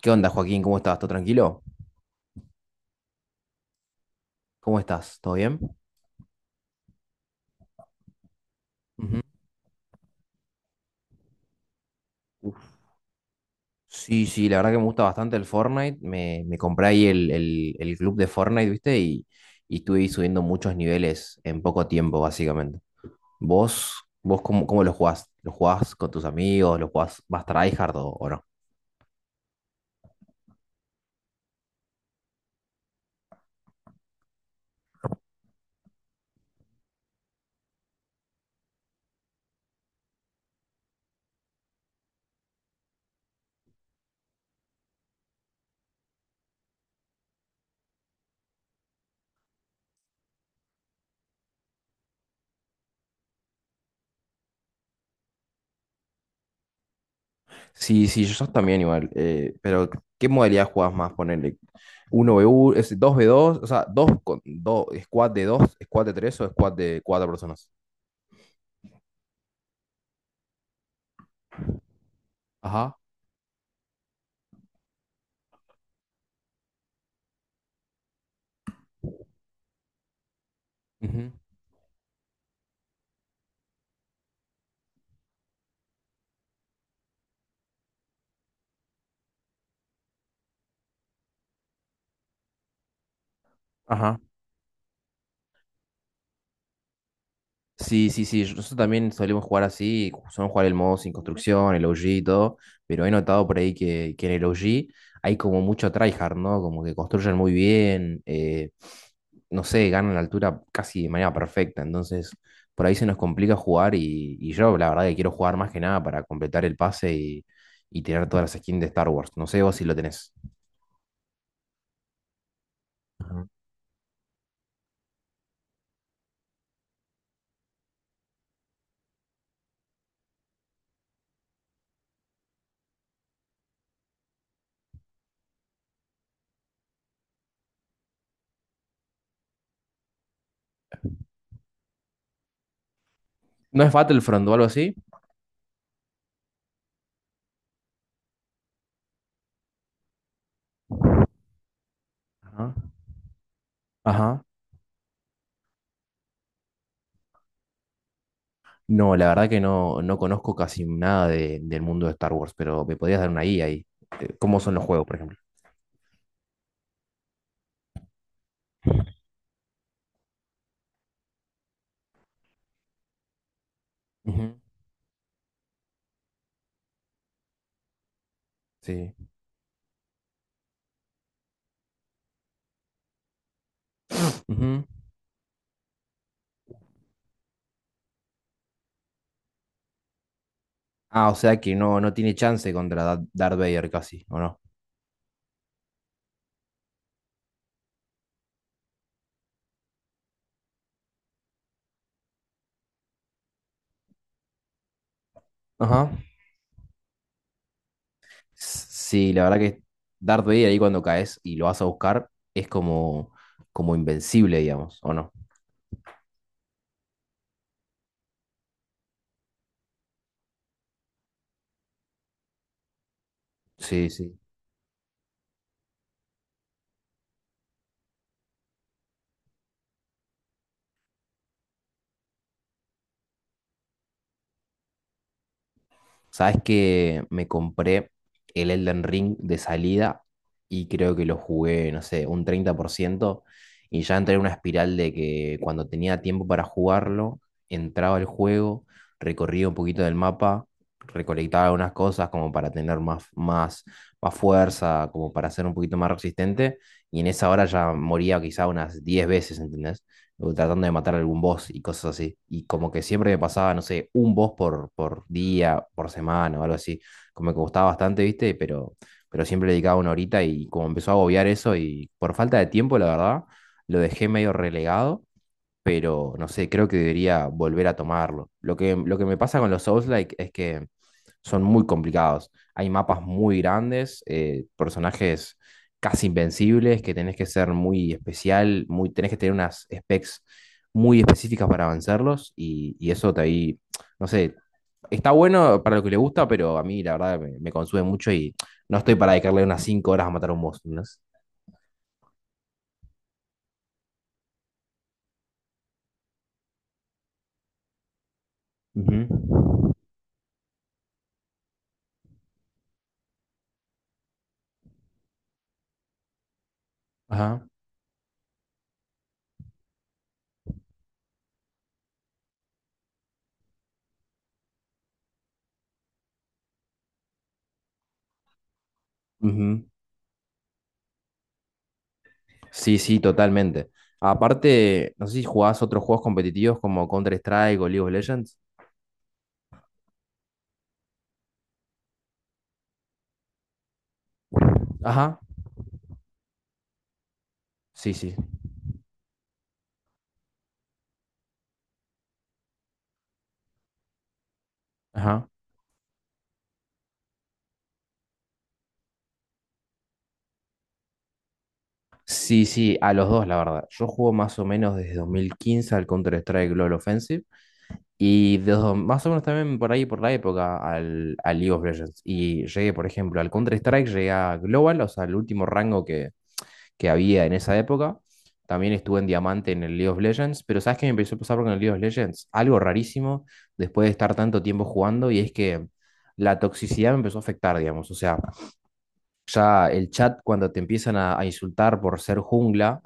¿Qué onda, Joaquín? ¿Cómo estás? ¿Todo tranquilo? ¿Cómo estás? ¿Todo bien? Ujú. Uf. Sí, sí, la verdad que me gusta bastante el Fortnite. Me compré ahí el club de Fortnite, ¿viste? Y estuve ahí subiendo muchos niveles en poco tiempo, básicamente. ¿Vos, vos cómo, ¿cómo lo jugás? ¿Lo jugás con tus amigos? ¿Lo jugás más tryhard o no? Sí, sí, yo también igual. Pero, ¿qué modalidad jugás más? Ponele uno v uno, es 2v2, o sea, dos, con, 2, squad de 3 o squad de 4 personas. Ajá. Ujú. Ajá. Sí, sí, sí. Nosotros también solemos jugar así, solemos jugar el modo sin construcción, el OG y todo, pero he notado por ahí que en el OG hay como mucho tryhard, ¿no? Como que construyen muy bien, no sé, ganan la altura casi de manera perfecta, entonces por ahí se nos complica jugar y yo la verdad que quiero jugar más que nada para completar el pase y tener todas las skins de Star Wars. No sé vos si lo tenés. Ajá. ¿No es Battlefront o algo así? Ajá. Ajá. No, la verdad que no, no conozco casi nada del mundo de Star Wars, pero me podrías dar una guía ahí. ¿Cómo son los juegos, por ejemplo? Ujú. Sí. Ujú. Ah, o sea que no, no tiene chance contra Darth Vader casi, ¿o no? Ajá. Sí, la verdad que Darth Vader ahí cuando caes y lo vas a buscar es como, como invencible, digamos, ¿o no? Sí, sí. Sabes que me compré el Elden Ring de salida y creo que lo jugué, no sé, un 30% y ya entré en una espiral de que cuando tenía tiempo para jugarlo, entraba al juego, recorría un poquito del mapa, recolectaba algunas cosas como para tener más, más, más fuerza, como para ser un poquito más resistente y en esa hora ya moría quizá unas 10 veces, ¿entendés? O tratando de matar algún boss y cosas así. Y como que siempre me pasaba, no sé, un boss por día, por semana o algo así. Como que me gustaba bastante, ¿viste? Pero siempre le dedicaba una horita y como empezó a agobiar eso y por falta de tiempo, la verdad, lo dejé medio relegado. Pero no sé, creo que debería volver a tomarlo. Lo que me pasa con los Souls-like es que son muy complicados. Hay mapas muy grandes, personajes casi invencibles que tenés que ser muy especial, muy, tenés que tener unas specs muy específicas para vencerlos y eso te ahí, no sé, está bueno para lo que le gusta, pero a mí la verdad me consume mucho y no estoy para dedicarle unas 5 horas a matar a un boss. ¿No? Ujú. Ajá. Ujú. Sí, sí, totalmente. Aparte, no sé si jugás otros juegos competitivos como Counter-Strike o League of Legends. Ajá. Sí, sí. Ajá. Sí, sí, a los dos, la verdad. Yo juego más o menos desde 2015 al Counter-Strike Global Offensive y desde más o menos también por ahí, por la época, al, al League of Legends. Y llegué, por ejemplo, al Counter-Strike, llegué a Global, o sea, el último rango que había en esa época. También estuve en Diamante en el League of Legends, pero ¿sabes qué me empezó a pasar con el League of Legends? Algo rarísimo después de estar tanto tiempo jugando y es que la toxicidad me empezó a afectar, digamos. O sea, ya el chat cuando te empiezan a insultar por ser jungla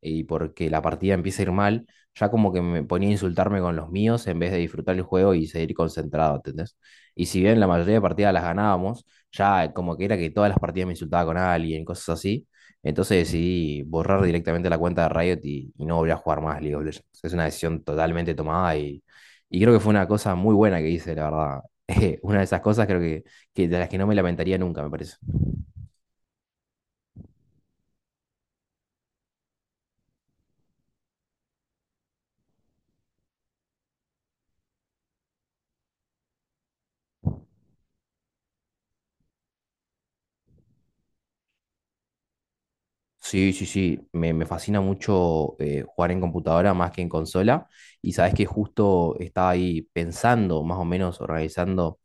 y porque la partida empieza a ir mal, ya como que me ponía a insultarme con los míos en vez de disfrutar el juego y seguir concentrado, ¿entendés? Y si bien la mayoría de partidas las ganábamos, ya como que era que todas las partidas me insultaba con alguien, cosas así. Entonces decidí borrar directamente la cuenta de Riot y no volví a jugar más League of Legends. Es una decisión totalmente tomada y creo que fue una cosa muy buena que hice, la verdad. Una de esas cosas creo que de las que no me lamentaría nunca, me parece. Sí, sí, sí, me fascina mucho jugar en computadora más que en consola y sabes que justo estaba ahí pensando, más o menos organizando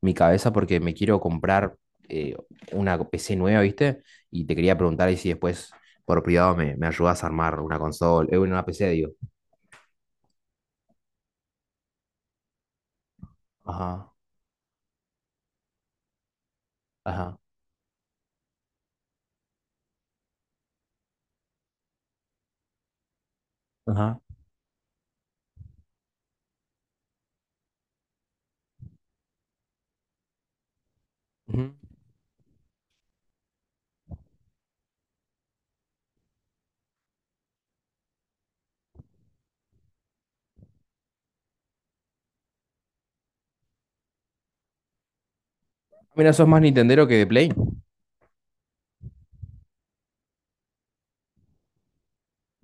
mi cabeza porque me quiero comprar eh, una PC nueva, ¿viste? Y te quería preguntar ahí si después por privado me ayudas a armar una consola, una PC, digo. Ajá, ajá, ajá. Ujú. Mira, sos más Nintendero que de Play.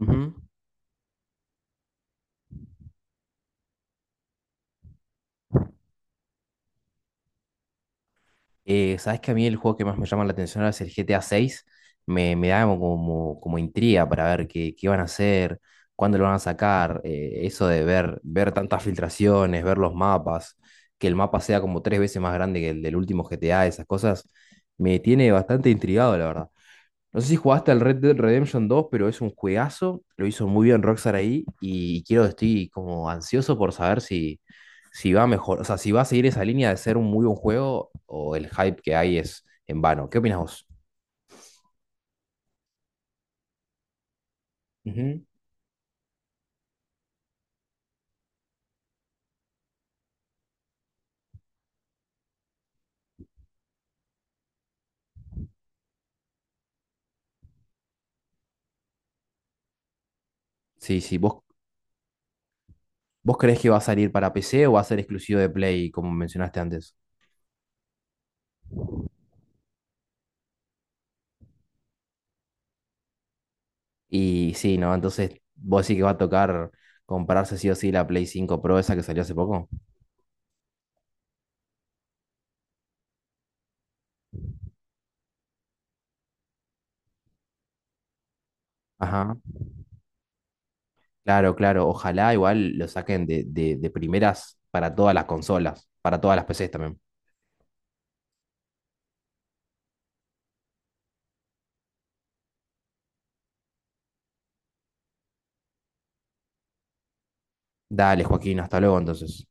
Ujú. Sabes que a mí el juego que más me llama la atención ahora es el GTA 6. Me da como, como como intriga para ver qué, qué van a hacer, cuándo lo van a sacar. Eso de ver, ver tantas filtraciones, ver los mapas, que el mapa sea como tres veces más grande que el del último GTA, esas cosas, me tiene bastante intrigado, la verdad. No sé si jugaste al Red Dead Redemption 2 pero es un juegazo. Lo hizo muy bien Rockstar ahí y quiero, estoy como ansioso por saber si, si va mejor, o sea, si va a seguir esa línea de ser un muy buen juego o el hype que hay es en vano. ¿Qué opinas vos? Ujú. Sí, sí, ¿vos, vos creés que va a salir para PC o va a ser exclusivo de Play, como mencionaste antes? Y sí, ¿no? Entonces, vos decís que va a tocar comprarse sí o sí la Play 5 Pro esa que salió hace poco. Ajá. Claro, claro. Ojalá igual lo saquen de primeras para todas las consolas, para todas las PCs también. Dale, Joaquín, hasta luego entonces.